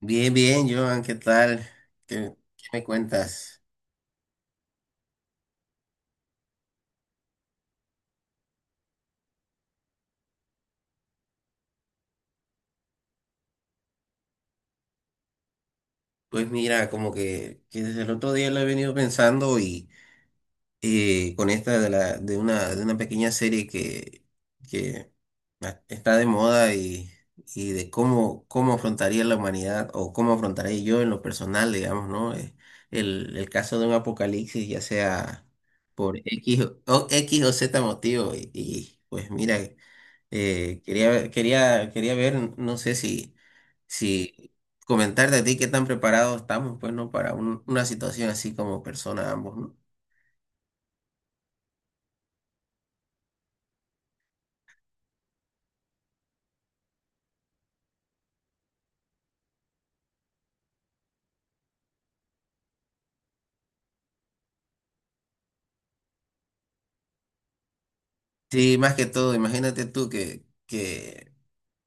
Bien, bien, Joan, ¿qué tal? ¿Qué me cuentas? Pues mira, como que desde el otro día lo he venido pensando y con esta de una pequeña serie que está de moda y de cómo afrontaría la humanidad o cómo afrontaría yo en lo personal, digamos, ¿no? El caso de un apocalipsis, ya sea por X o X o Z motivo y pues mira. Quería ver, no sé si, si comentarte a ti qué tan preparados estamos, pues, ¿no? Para una situación así como persona ambos, ¿no? Sí, más que todo, imagínate tú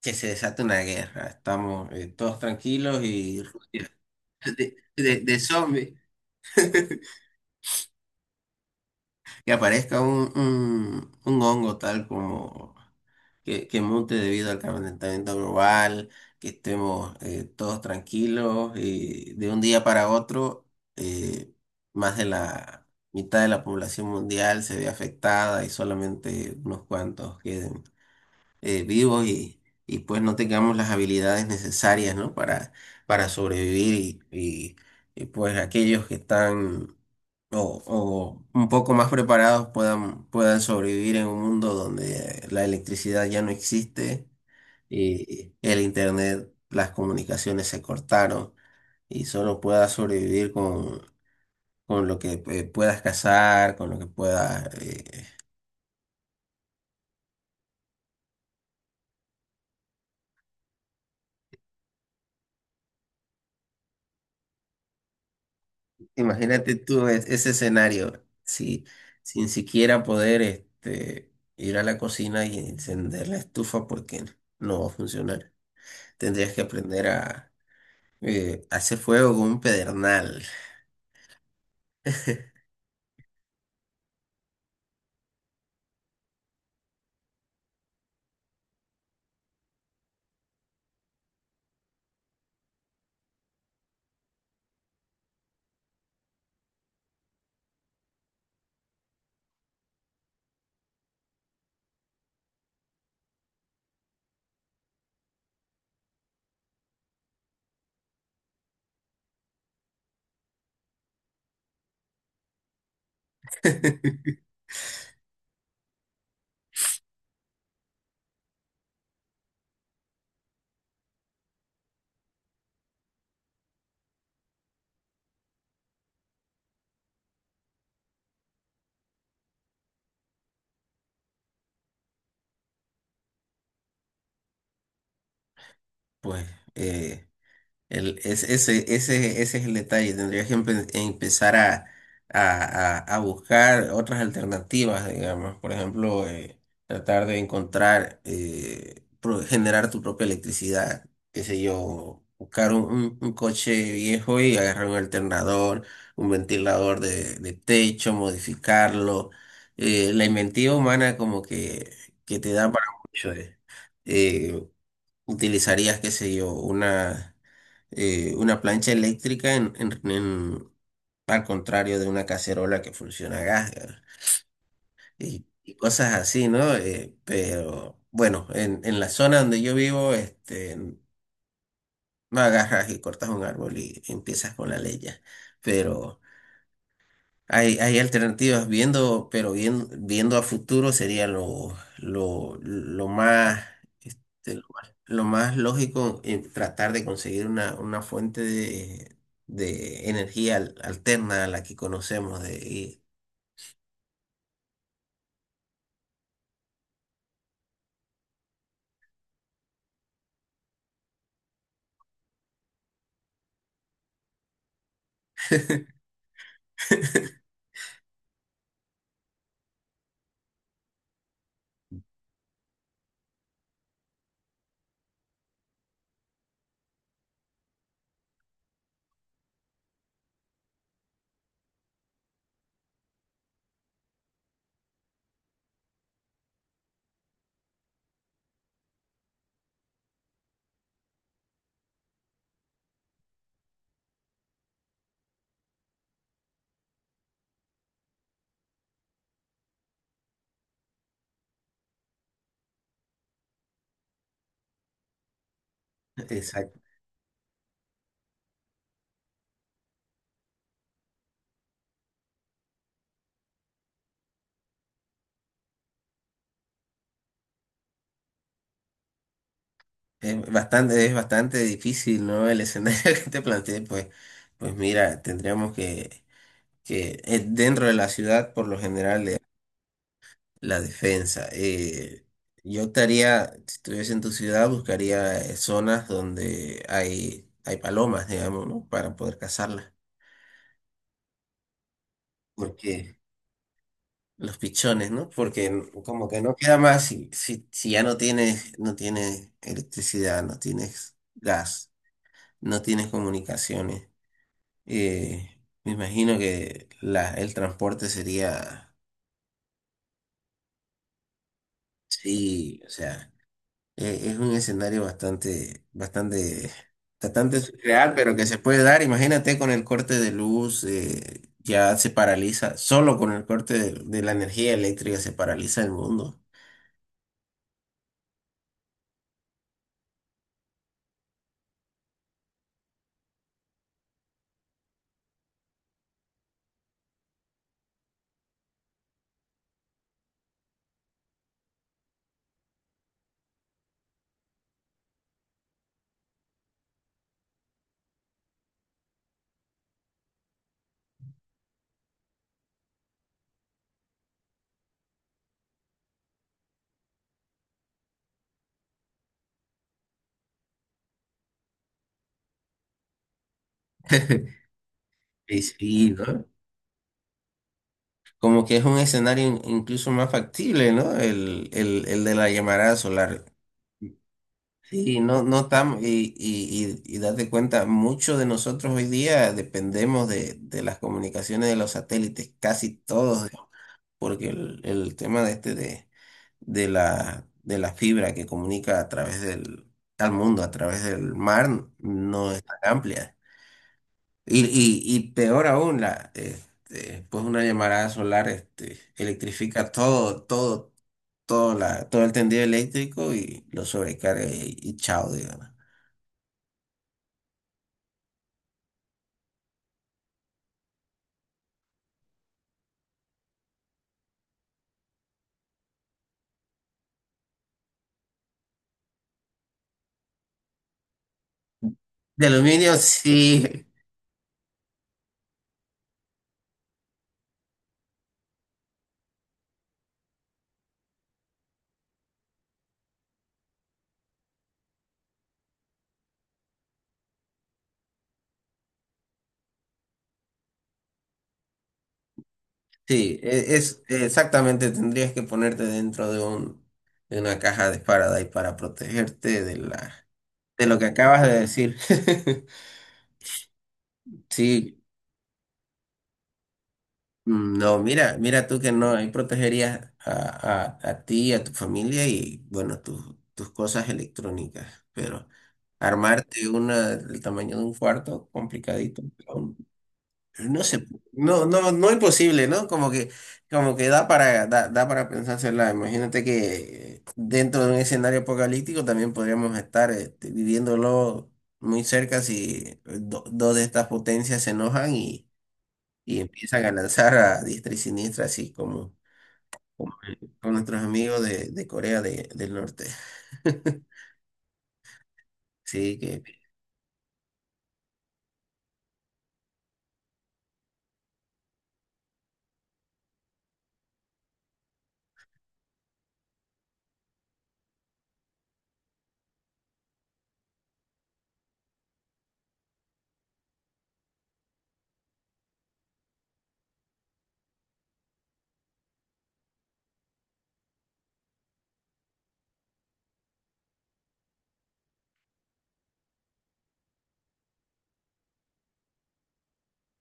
que se desata una guerra. Estamos todos tranquilos y de zombies. Que aparezca un hongo tal como que monte debido al calentamiento global, que estemos todos tranquilos y de un día para otro eh, más de la mitad de la población mundial se ve afectada y solamente unos cuantos queden vivos y pues no tengamos las habilidades necesarias, ¿no? Para sobrevivir y pues aquellos que están o un poco más preparados puedan sobrevivir en un mundo donde la electricidad ya no existe y el internet, las comunicaciones se cortaron y solo puedas sobrevivir con lo que puedas cazar, con lo que puedas... imagínate tú ese escenario, si, sin siquiera poder este, ir a la cocina y encender la estufa porque no va a funcionar. Tendrías que aprender a hace fuego con un pedernal. Pues eh, El, es- ese es el detalle. Tendrías que empezar a, a buscar otras alternativas, digamos. Por ejemplo, tratar de encontrar, generar tu propia electricidad. Qué sé yo, buscar un, un coche viejo y agarrar un alternador, un ventilador de techo, modificarlo. La inventiva humana como que te da para mucho. Eh, utilizarías, qué sé yo, una plancha eléctrica en, al contrario de una cacerola que funciona a gas, ¿verdad? Y, y cosas así, ¿no? Pero bueno, en la zona donde yo vivo, este, no agarras y cortas un árbol y empiezas con la leña, pero... Hay alternativas viendo, pero bien, viendo a futuro sería lo más, este, lo más lógico en tratar de conseguir una fuente de energía alterna a la que conocemos. Exacto. Es bastante difícil, ¿no? El escenario que te planteé, pues, pues mira, tendríamos que dentro de la ciudad, por lo general, la defensa. Yo estaría, si estuviese en tu ciudad, buscaría zonas donde hay palomas, digamos, ¿no? Para poder cazarlas. Porque los pichones, ¿no? Porque como que no queda más si, si, si ya no tienes, no tienes electricidad, no tienes gas, no tienes comunicaciones. eh, me imagino que la, el transporte sería, sí, o sea. Es un escenario bastante, bastante, bastante surreal, pero que se puede dar. Imagínate con el corte de luz, ya se paraliza, solo con el corte de la energía eléctrica se paraliza el mundo. Y sí, ¿no? Como que es un escenario incluso más factible, ¿no? El de la llamarada solar. Sí, no, no estamos, y date cuenta, muchos de nosotros hoy día dependemos de las comunicaciones de los satélites, casi todos. Porque el tema de este de de la fibra que comunica a través del, al mundo, a través del mar, no es tan amplia. Y peor aún, la, este, pues una llamarada solar este, electrifica todo, todo, todo, la, todo el tendido eléctrico y lo sobrecarga y chao, digamos. De aluminio, sí, sí, es exactamente, tendrías que ponerte dentro de un, de una caja de Faraday para protegerte de la de lo que acabas de decir. Sí, mm, no, mira, mira tú que no, ahí protegerías a ti, a tu familia y bueno, tus tus cosas electrónicas, pero armarte una del tamaño de un cuarto, complicadito. No sé, no, no, no imposible, ¿no? Como que da para, da para pensársela. Imagínate que dentro de un escenario apocalíptico también podríamos estar este, viviéndolo muy cerca si dos de estas potencias se enojan y empiezan a lanzar a diestra y siniestra, así como, como con nuestros amigos de Corea del Norte. Sí, que...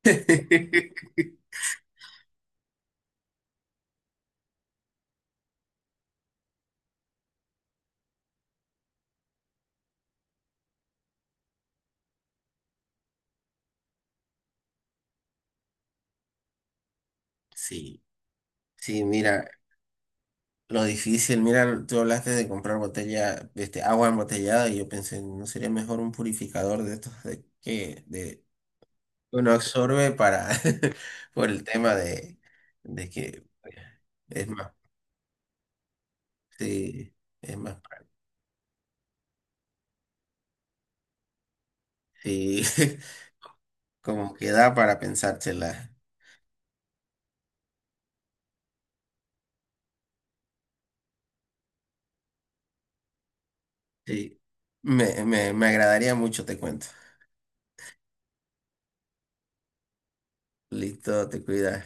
Sí, sí, mira. Lo difícil, mira, tú hablaste de comprar botella, este, agua embotellada y yo pensé, ¿no sería mejor un purificador de estos de que de uno absorbe para por el tema de que es más, sí, es más, sí, como que da para pensársela. Sí, me agradaría mucho, te cuento. Listo, te cuidas.